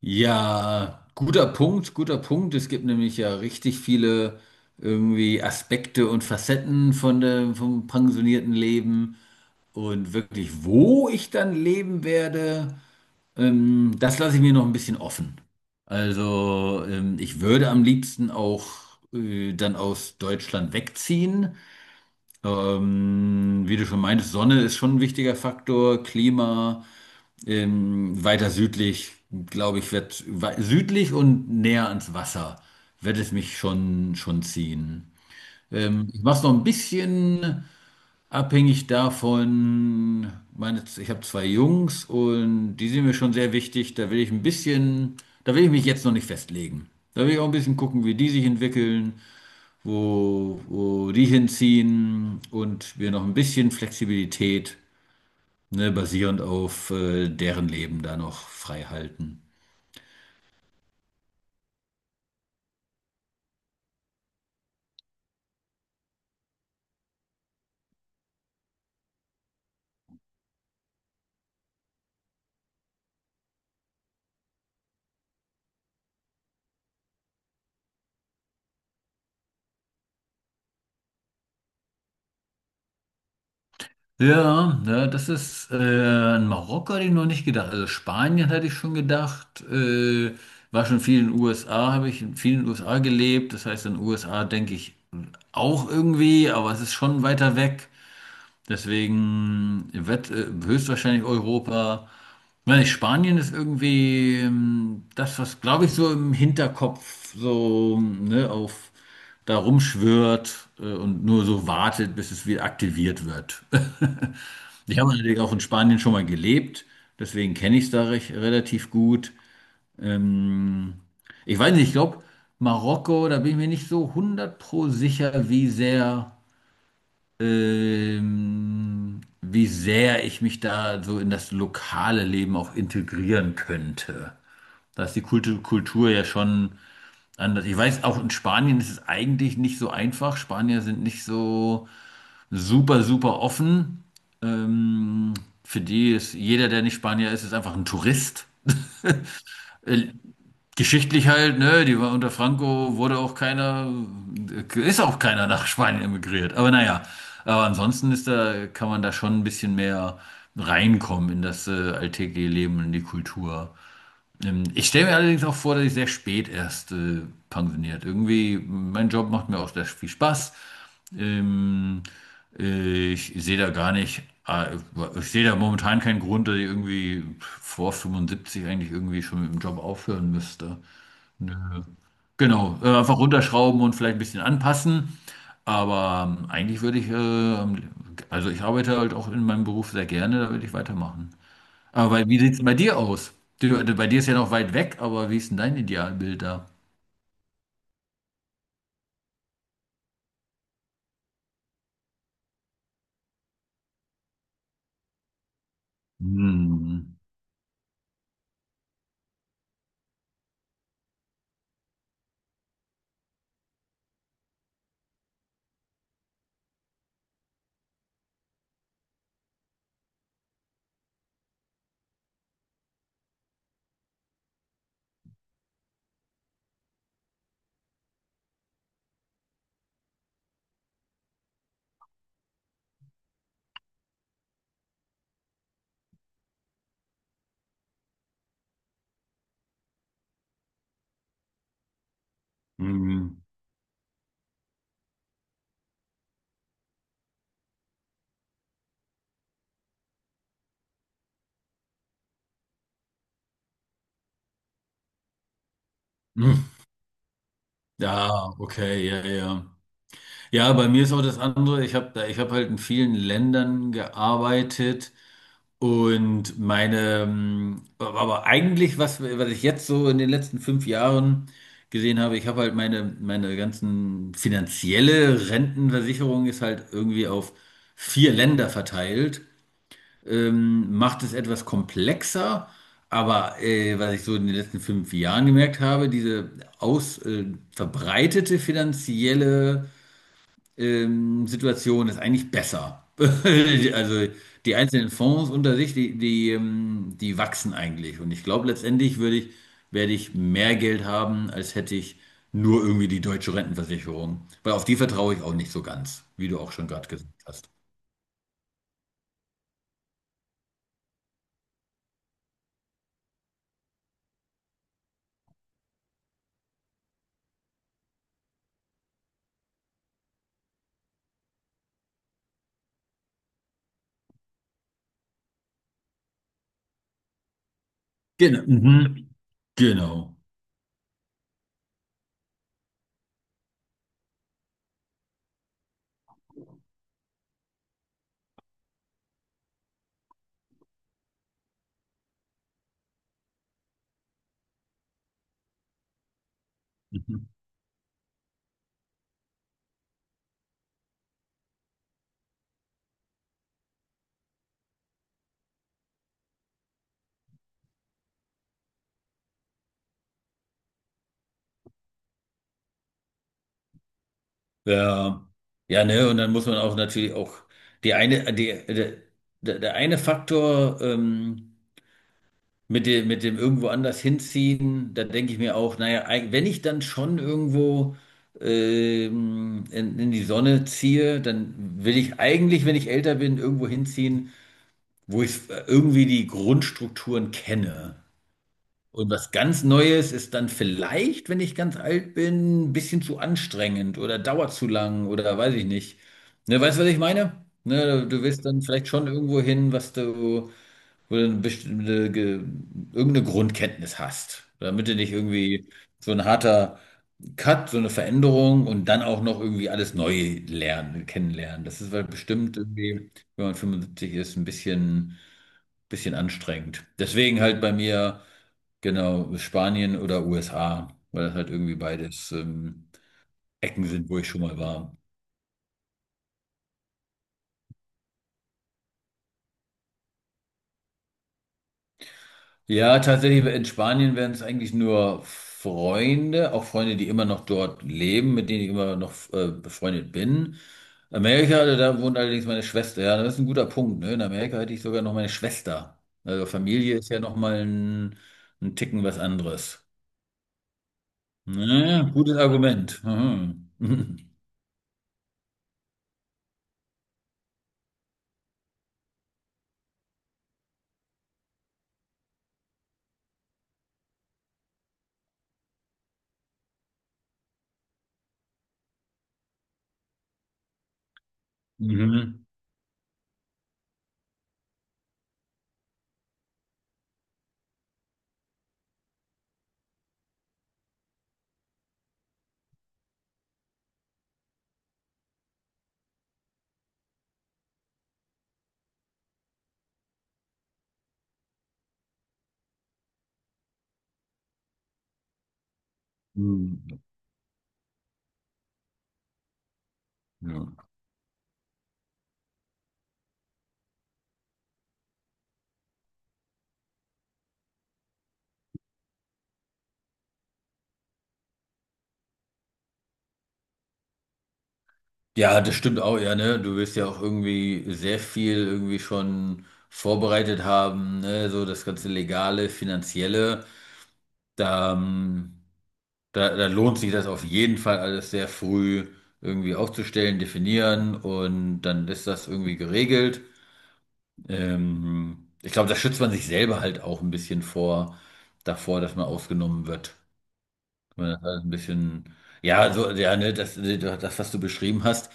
Ja, guter Punkt, guter Punkt. Es gibt nämlich ja richtig viele irgendwie Aspekte und Facetten vom pensionierten Leben. Und wirklich, wo ich dann leben werde, das lasse ich mir noch ein bisschen offen. Also, ich würde am liebsten auch dann aus Deutschland wegziehen. Wie du schon meintest, Sonne ist schon ein wichtiger Faktor. Klima, weiter südlich, glaube ich, wird südlich und näher ans Wasser wird es mich schon ziehen. Ich mache es noch ein bisschen abhängig davon. Meine, ich habe zwei Jungs und die sind mir schon sehr wichtig. Da will ich mich jetzt noch nicht festlegen. Da will ich auch ein bisschen gucken, wie die sich entwickeln, wo die hinziehen, und wir noch ein bisschen Flexibilität, ne, basierend auf deren Leben da noch frei halten. Ja, ja, das ist an Marokko hatte ich noch nicht gedacht. Also Spanien hatte ich schon gedacht. War schon viel in den USA, habe ich in vielen USA gelebt. Das heißt, in den USA denke ich auch irgendwie, aber es ist schon weiter weg. Deswegen wird höchstwahrscheinlich Europa. Ich meine, Spanien ist irgendwie das, was, glaube ich, so im Hinterkopf so, ne, auf da rumschwirrt und nur so wartet, bis es wieder aktiviert wird. Ich habe natürlich auch in Spanien schon mal gelebt, deswegen kenne ich es da relativ gut. Ich weiß nicht, ich glaube, Marokko, da bin ich mir nicht so 100 pro sicher, wie sehr ich mich da so in das lokale Leben auch integrieren könnte. Da ist die Kultur ja schon anders. Ich weiß, auch in Spanien ist es eigentlich nicht so einfach. Spanier sind nicht so super, super offen. Ähm, für die ist jeder, der nicht Spanier ist, ist einfach ein Tourist. Äh, Geschichtlich halt, ne, die war unter Franco, wurde auch keiner, ist auch keiner nach Spanien emigriert. Aber naja, aber ansonsten kann man da schon ein bisschen mehr reinkommen in das alltägliche Leben, in die Kultur. Ich stelle mir allerdings auch vor, dass ich sehr spät erst pensioniert. Irgendwie, mein Job macht mir auch sehr viel Spaß. Ähm, Ich sehe da gar nicht, äh, ich sehe da momentan keinen Grund, dass ich irgendwie vor 75 eigentlich irgendwie schon mit dem Job aufhören müsste. Genau, einfach runterschrauben und vielleicht ein bisschen anpassen. Aber eigentlich also ich arbeite halt auch in meinem Beruf sehr gerne, da würde ich weitermachen. Aber wie sieht es bei dir aus? Bei dir ist ja noch weit weg, aber wie ist denn dein Idealbild da? Hm. Hm. Hm. Ja, okay, ja, ja. Ja, bei mir ist auch das andere. Ich habe halt in vielen Ländern gearbeitet, und aber eigentlich, was ich jetzt so in den letzten 5 Jahren gesehen habe, ich habe halt meine ganzen finanzielle Rentenversicherung ist halt irgendwie auf 4 Länder verteilt, macht es etwas komplexer. Aber was ich so in den letzten fünf Jahren gemerkt habe, diese aus, äh, verbreitete finanzielle Situation ist eigentlich besser. Also die einzelnen Fonds unter sich, die wachsen eigentlich. Und ich glaube, letztendlich werde ich mehr Geld haben, als hätte ich nur irgendwie die deutsche Rentenversicherung. Weil auf die vertraue ich auch nicht so ganz, wie du auch schon gerade gesagt hast. Genau. Mhm. Genau. Mhm. Ja. Ja, ne, und dann muss man auch natürlich auch die eine, die, der, der der eine Faktor, mit dem irgendwo anders hinziehen, da denke ich mir auch, naja, wenn ich dann schon irgendwo in die Sonne ziehe, dann will ich eigentlich, wenn ich älter bin, irgendwo hinziehen, wo ich irgendwie die Grundstrukturen kenne. Und was ganz Neues ist dann vielleicht, wenn ich ganz alt bin, ein bisschen zu anstrengend oder dauert zu lang oder weiß ich nicht. Ne, weißt du, was ich meine? Ne, du willst dann vielleicht schon irgendwo hin, was du wo du eine irgendeine Grundkenntnis hast, damit du nicht irgendwie so ein harter Cut, so eine Veränderung und dann auch noch irgendwie alles neu lernen, kennenlernen. Das ist halt bestimmt irgendwie, wenn man 75 ist, ein bisschen anstrengend. Deswegen halt bei mir, genau, Spanien oder USA, weil das halt irgendwie beides Ecken sind, wo ich schon mal war. Ja, tatsächlich, in Spanien wären es eigentlich nur Freunde, auch Freunde, die immer noch dort leben, mit denen ich immer noch befreundet bin. Amerika, also da wohnt allerdings meine Schwester. Ja, das ist ein guter Punkt, ne? In Amerika hätte ich sogar noch meine Schwester. Also Familie ist ja noch mal ein Ticken was anderes. Ja, gutes Argument. Mhm. Mhm. Mhm. Ja. Ja, das stimmt auch, ja, ne? Du wirst ja auch irgendwie sehr viel irgendwie schon vorbereitet haben, ne? So das ganze Legale, Finanzielle. Da, ähm, da lohnt sich das auf jeden Fall alles sehr früh irgendwie aufzustellen, definieren, und dann ist das irgendwie geregelt. Ich glaube, da schützt man sich selber halt auch ein bisschen davor, dass man ausgenommen wird. Ja, das war ein bisschen, ja, so, ja, ne, was du beschrieben hast,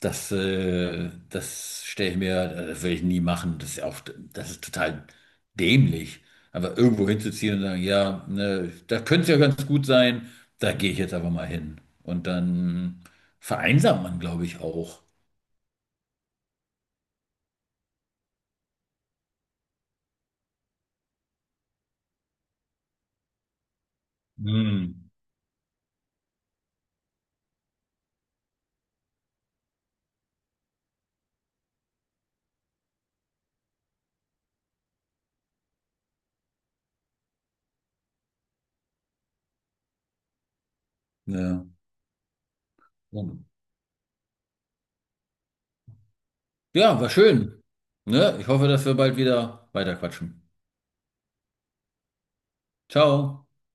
das stelle ich mir, das will ich nie machen. Das ist total dämlich. Aber irgendwo hinzuziehen und sagen, ja, ne, da könnte es ja ganz gut sein, da gehe ich jetzt aber mal hin. Und dann vereinsamt man, glaube ich, auch. Hm. Ja. Ja, war schön. Ne? Ich hoffe, dass wir bald wieder weiterquatschen. Ciao.